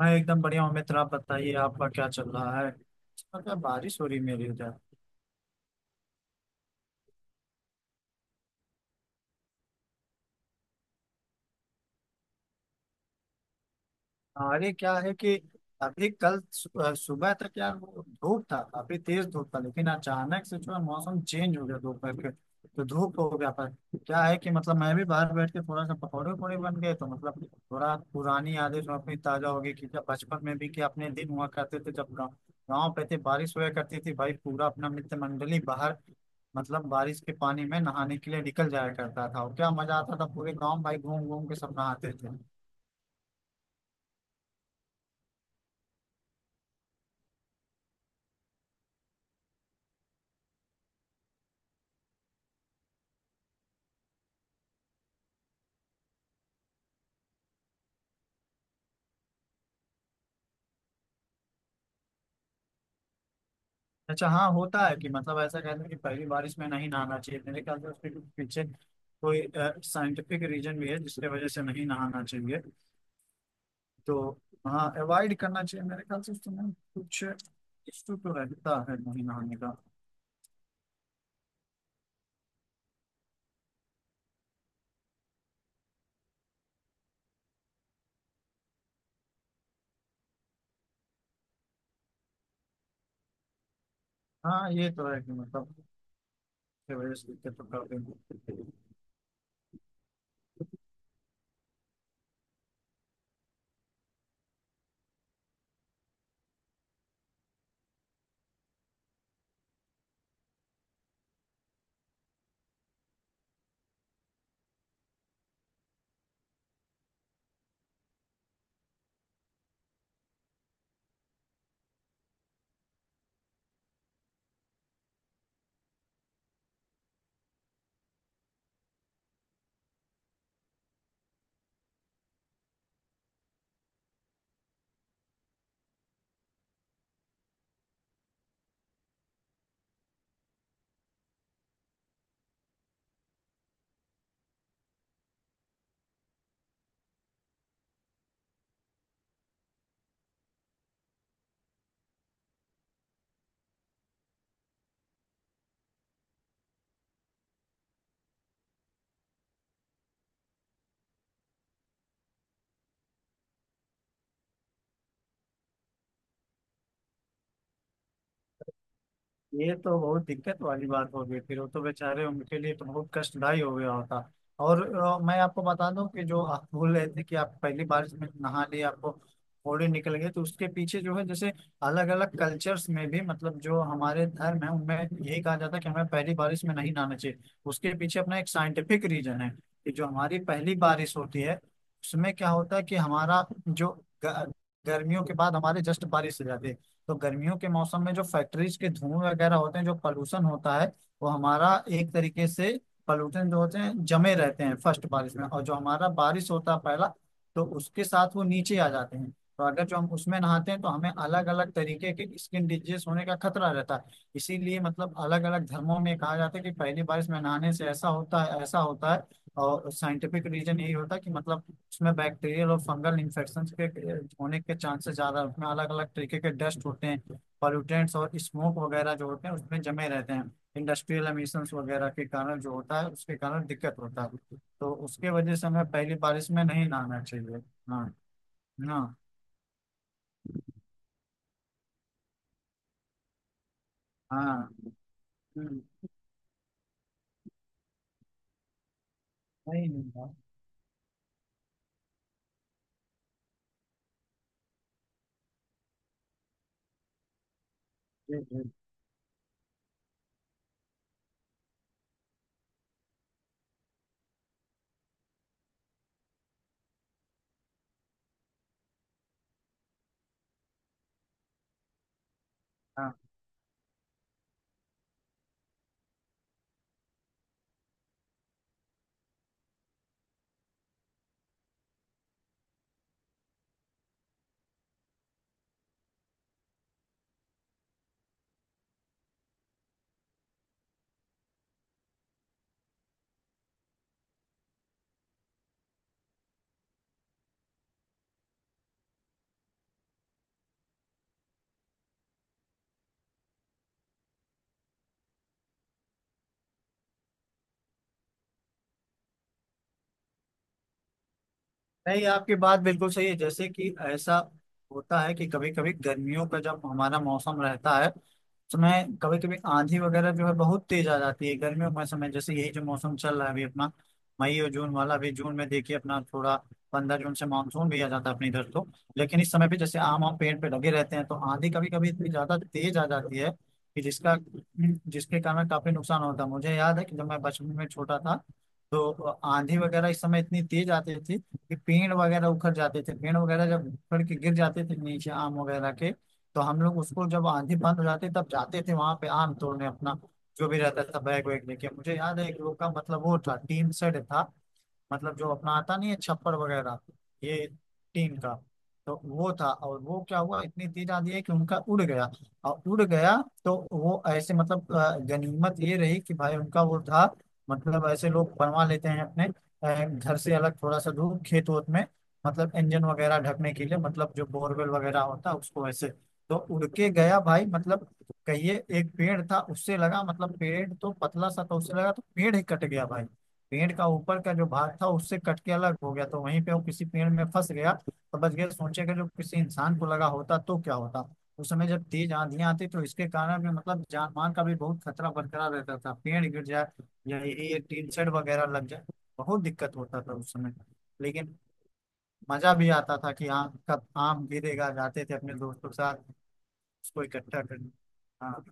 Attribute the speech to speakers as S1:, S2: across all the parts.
S1: मैं एकदम बढ़िया हूँ मित्र। आप बताइए आपका क्या चल रहा है। मतलब बारिश हो रही है मेरे उधर। अरे क्या है कि अभी कल सुबह तक यार वो धूप था, काफी तेज धूप था, लेकिन अचानक से जो है मौसम चेंज हो गया दोपहर के तो धूप हो गया। पर क्या है कि मतलब मैं भी बाहर बैठ के थोड़ा सा पकौड़े वकौड़े बन गए तो मतलब थोड़ा पुरानी यादें जो अपनी ताजा हो गई कि जब बचपन में भी कि अपने दिन हुआ करते थे जब गाँव गाँव पे थे, बारिश हुआ करती थी भाई। पूरा अपना मित्र मंडली बाहर मतलब बारिश के पानी में नहाने के लिए निकल जाया करता था। और क्या मजा आता था, पूरे गाँव भाई घूम घूम के सब नहाते थे। अच्छा हाँ, होता है कि मतलब ऐसा कहते हैं कि पहली बारिश में नहीं नहाना चाहिए। मेरे ख्याल से उसके कुछ पीछे कोई साइंटिफिक रीजन भी है जिसके वजह से नहीं नहाना चाहिए। तो हाँ, अवॉइड करना चाहिए मेरे ख्याल से उस समय। कुछ इशू तो रहता है नहीं नहाने का। हाँ, ये तो है कि मतलब उसकी वजह से दिक्कत तो कर देंगे। ये तो बहुत दिक्कत वाली बात हो गई, फिर वो तो बेचारे, उनके लिए तो बहुत कष्टदायी हो गया होता। और मैं आपको बता दूं कि जो आप बोल रहे थे कि आप पहली बारिश में नहा लिए आपको फोड़े निकल गए, तो उसके पीछे जो है जैसे अलग अलग कल्चर्स में भी मतलब जो हमारे धर्म है उनमें यही कहा जाता है कि हमें पहली बारिश में नहीं नहाना चाहिए। उसके पीछे अपना एक साइंटिफिक रीजन है कि जो हमारी पहली बारिश होती है उसमें क्या होता है कि हमारा जो ग- गर्मियों के बाद हमारे जस्ट बारिश हो जाती है, तो गर्मियों के मौसम में जो फैक्ट्रीज के धुएं वगैरह होते हैं जो पॉल्यूशन होता है, वो हमारा एक तरीके से पॉल्यूशन जो होते हैं जमे रहते हैं फर्स्ट बारिश में। और जो हमारा बारिश होता है पहला, तो उसके साथ वो नीचे आ जाते हैं। तो अगर जो हम उसमें नहाते हैं तो हमें अलग अलग तरीके के स्किन डिजीज होने का खतरा रहता है। इसीलिए मतलब अलग अलग धर्मों में कहा जाता है कि पहली बारिश में नहाने से ऐसा होता है, ऐसा होता है। और साइंटिफिक रीजन यही होता है कि मतलब उसमें बैक्टीरियल और फंगल इन्फेक्शन के होने के चांसेस ज्यादा होते हैं। अलग अलग तरीके के डस्ट होते हैं, पॉल्यूटेंट्स और स्मोक वगैरह जो होते हैं उसमें जमे रहते हैं। इंडस्ट्रियल एमिशंस वगैरह के कारण जो होता है उसके कारण दिक्कत होता है, तो उसके वजह से हमें पहली बारिश में नहीं नहाना चाहिए। हाँ, हाँ। हाँ। हम्म। नहीं, नहीं। हाँ। जी, जी। हाँ। नहीं, आपकी बात बिल्कुल सही है। जैसे कि ऐसा होता है कि कभी कभी गर्मियों का जब हमारा मौसम रहता है उसमें कभी कभी आंधी वगैरह जो है बहुत तेज आ जाती है। गर्मियों का समय, जैसे यही जो मौसम चल रहा है अभी अपना मई और जून वाला। अभी जून में देखिए अपना थोड़ा 15 जून से मानसून भी आ जाता है अपने इधर। तो लेकिन इस समय भी जैसे आम आम पेड़ पे लगे रहते हैं, तो आंधी कभी कभी इतनी ज्यादा तेज आ जाती है कि जिसका जिसके कारण काफी नुकसान होता है। मुझे याद है कि जब मैं बचपन में छोटा था, तो आंधी वगैरह इस समय इतनी तेज आती थी कि पेड़ वगैरह उखड़ जाते थे। पेड़ वगैरह जब उखड़ के गिर जाते थे नीचे आम वगैरह के, तो हम लोग उसको जब आंधी बंद हो जाती तब जाते थे वहां पे आम तोड़ने अपना। जो भी रहता था बैग वैग लेके। मुझे याद है एक लोग का मतलब वो था, टीन शेड था मतलब, जो अपना आता नहीं है छप्पर वगैरह ये, टीम का। तो वो था और वो क्या हुआ, इतनी तेज आंधी है कि उनका उड़ गया, और उड़ गया। तो वो ऐसे मतलब गनीमत ये रही कि भाई उनका वो था, मतलब ऐसे लोग बनवा लेते हैं अपने घर से अलग थोड़ा सा दूर खेत वोत में, मतलब इंजन वगैरह ढकने के लिए, मतलब जो बोरवेल वगैरह होता है उसको ऐसे। तो उड़ के गया भाई, मतलब कहिए एक पेड़ था उससे लगा, मतलब पेड़ तो पतला सा था उससे लगा तो पेड़ ही कट गया भाई। पेड़ का ऊपर का जो भाग था उससे कट के अलग हो गया तो वहीं पे वो किसी पेड़ में फंस गया तो बच गया। सोचे कि जो किसी इंसान को लगा होता तो क्या होता। उस समय जब तेज आंधियां आती तो इसके कारण भी मतलब जान मान का भी बहुत खतरा बरकरार रहता था, पेड़ गिर जाए या ये टीन शेड वगैरह लग जाए। बहुत दिक्कत होता था उस समय। लेकिन मजा भी आता था कि आम कब आम गिरेगा। जाते थे अपने दोस्तों के साथ उसको इकट्ठा करने। हाँ।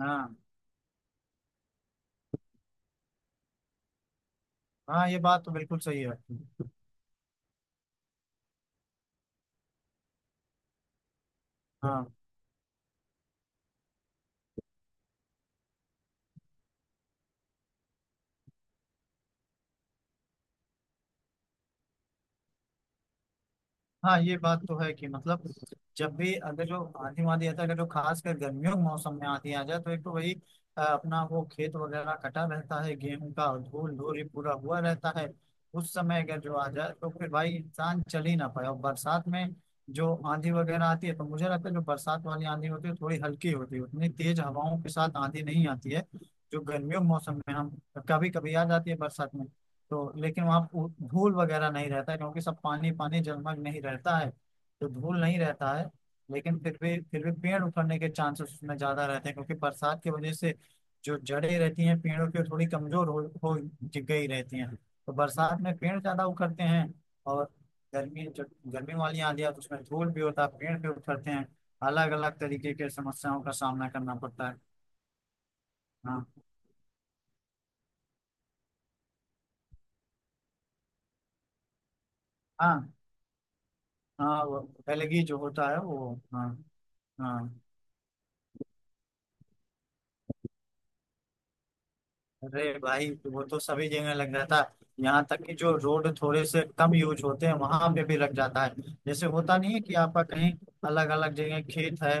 S1: हाँ। हाँ, ये बात तो बिल्कुल सही है। हाँ। हाँ, ये बात तो है कि मतलब जब भी अगर जो आंधी वांधी आता है, अगर जो खासकर गर्मियों के मौसम में आंधी आ जाए तो एक तो वही अपना वो खेत वगैरह कटा रहता है गेहूं का, और धूल धूरी पूरा हुआ रहता है। उस समय अगर जो आ जाए तो फिर भाई इंसान चल ही ना पाए। और बरसात में जो आंधी वगैरह आती है तो मुझे लगता है जो बरसात वाली आंधी होती है थोड़ी हल्की होती है, उतनी तेज हवाओं के साथ आंधी नहीं आती है जो गर्मियों के मौसम में हम कभी कभी आ जाती है बरसात में। तो लेकिन वहाँ धूल वगैरह नहीं रहता है, क्योंकि सब पानी पानी जलमग्न नहीं रहता है तो धूल नहीं रहता है। लेकिन फिर भी पेड़ उखड़ने के चांसेस उसमें ज्यादा रहते हैं, क्योंकि बरसात की वजह से जो जड़ें रहती हैं पेड़ों की वो थोड़ी कमजोर हो गई रहती हैं तो बरसात में पेड़ ज्यादा उखड़ते हैं। और गर्मी, जब गर्मी वाली आंधी आती है तो उसमें धूल भी होता है, पेड़ भी उखड़ते हैं, अलग अलग तरीके के समस्याओं का सामना करना पड़ता है। हाँ। हाँ। हाँ, वो एलगी जो होता है, वो, हाँ। हाँ, अरे भाई वो तो सभी जगह लग जाता है, यहाँ तक कि जो रोड थोड़े से कम यूज होते हैं वहां पे भी लग जाता है। जैसे होता नहीं है कि आपका कहीं अलग अलग जगह खेत है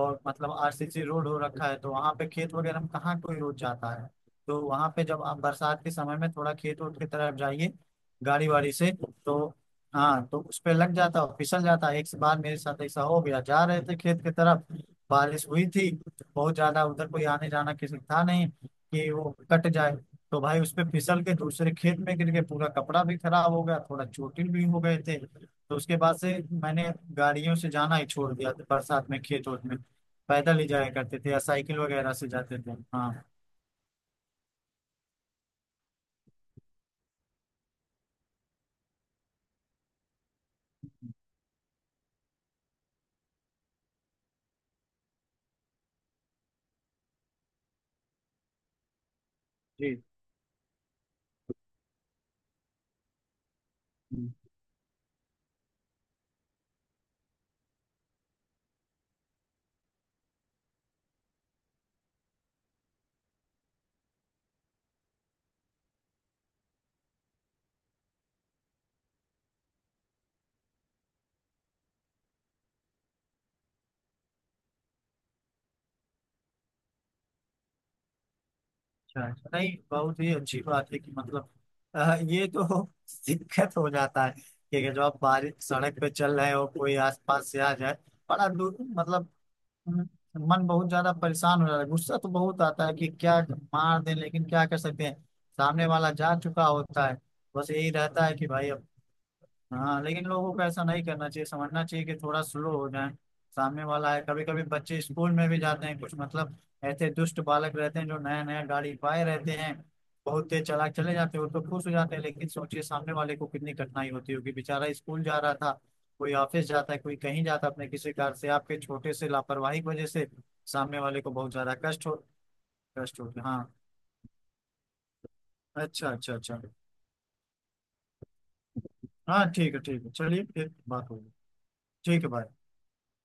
S1: और मतलब आरसीसी रोड हो रखा है, तो वहां पे खेत वगैरह में कहाँ कोई रोड जाता है। तो वहां पे जब आप बरसात के समय में थोड़ा खेत वोट की तरफ जाइए गाड़ी वाड़ी से, तो हाँ, तो उस पे लग जाता और फिसल जाता है। एक बार मेरे साथ ऐसा हो गया, जा रहे थे खेत की तरफ, बारिश हुई थी बहुत ज्यादा, उधर कोई आने जाना किसी का था नहीं कि वो कट जाए। तो भाई उसपे फिसल के दूसरे खेत में गिर के पूरा कपड़ा भी खराब हो गया, थोड़ा चोटिल भी हो गए थे। तो उसके बाद से मैंने गाड़ियों से जाना ही छोड़ दिया था बरसात में खेत वेत में। पैदल ही जाया करते थे या साइकिल वगैरह से जाते थे। हाँ। जी, जी। अच्छा, अच्छा। नहीं, बहुत ही अच्छी बात है कि मतलब ये तो दिक्कत हो जाता है कि अगर जो आप बारिश सड़क पे चल रहे हो, कोई आसपास से आ जाए बड़ा दूर मतलब। मन बहुत ज्यादा परेशान हो जा रहा है, गुस्सा तो बहुत आता है कि क्या मार दें, लेकिन क्या कर सकते हैं, सामने वाला जा चुका होता है। बस यही रहता है कि भाई अब। हाँ, लेकिन लोगों को ऐसा नहीं करना चाहिए, समझना चाहिए कि थोड़ा स्लो हो जाए, सामने वाला है। कभी कभी बच्चे स्कूल में भी जाते हैं, कुछ मतलब ऐसे दुष्ट बालक रहते हैं जो नया नया गाड़ी पाए रहते हैं बहुत तेज चला चले जाते हैं। वो तो खुश हो जाते हैं, लेकिन सोचिए सामने वाले को कितनी कठिनाई होती होगी, बेचारा स्कूल जा रहा था, कोई ऑफिस जाता है, कोई कहीं जाता है अपने किसी कार से, आपके छोटे से लापरवाही की वजह से सामने वाले को बहुत ज्यादा कष्ट हो, कष्ट होते, हाँ। अच्छा, अच्छा, अच्छा। हाँ, ठीक है, ठीक है, चलिए फिर बात होगी। ठीक है, बाय।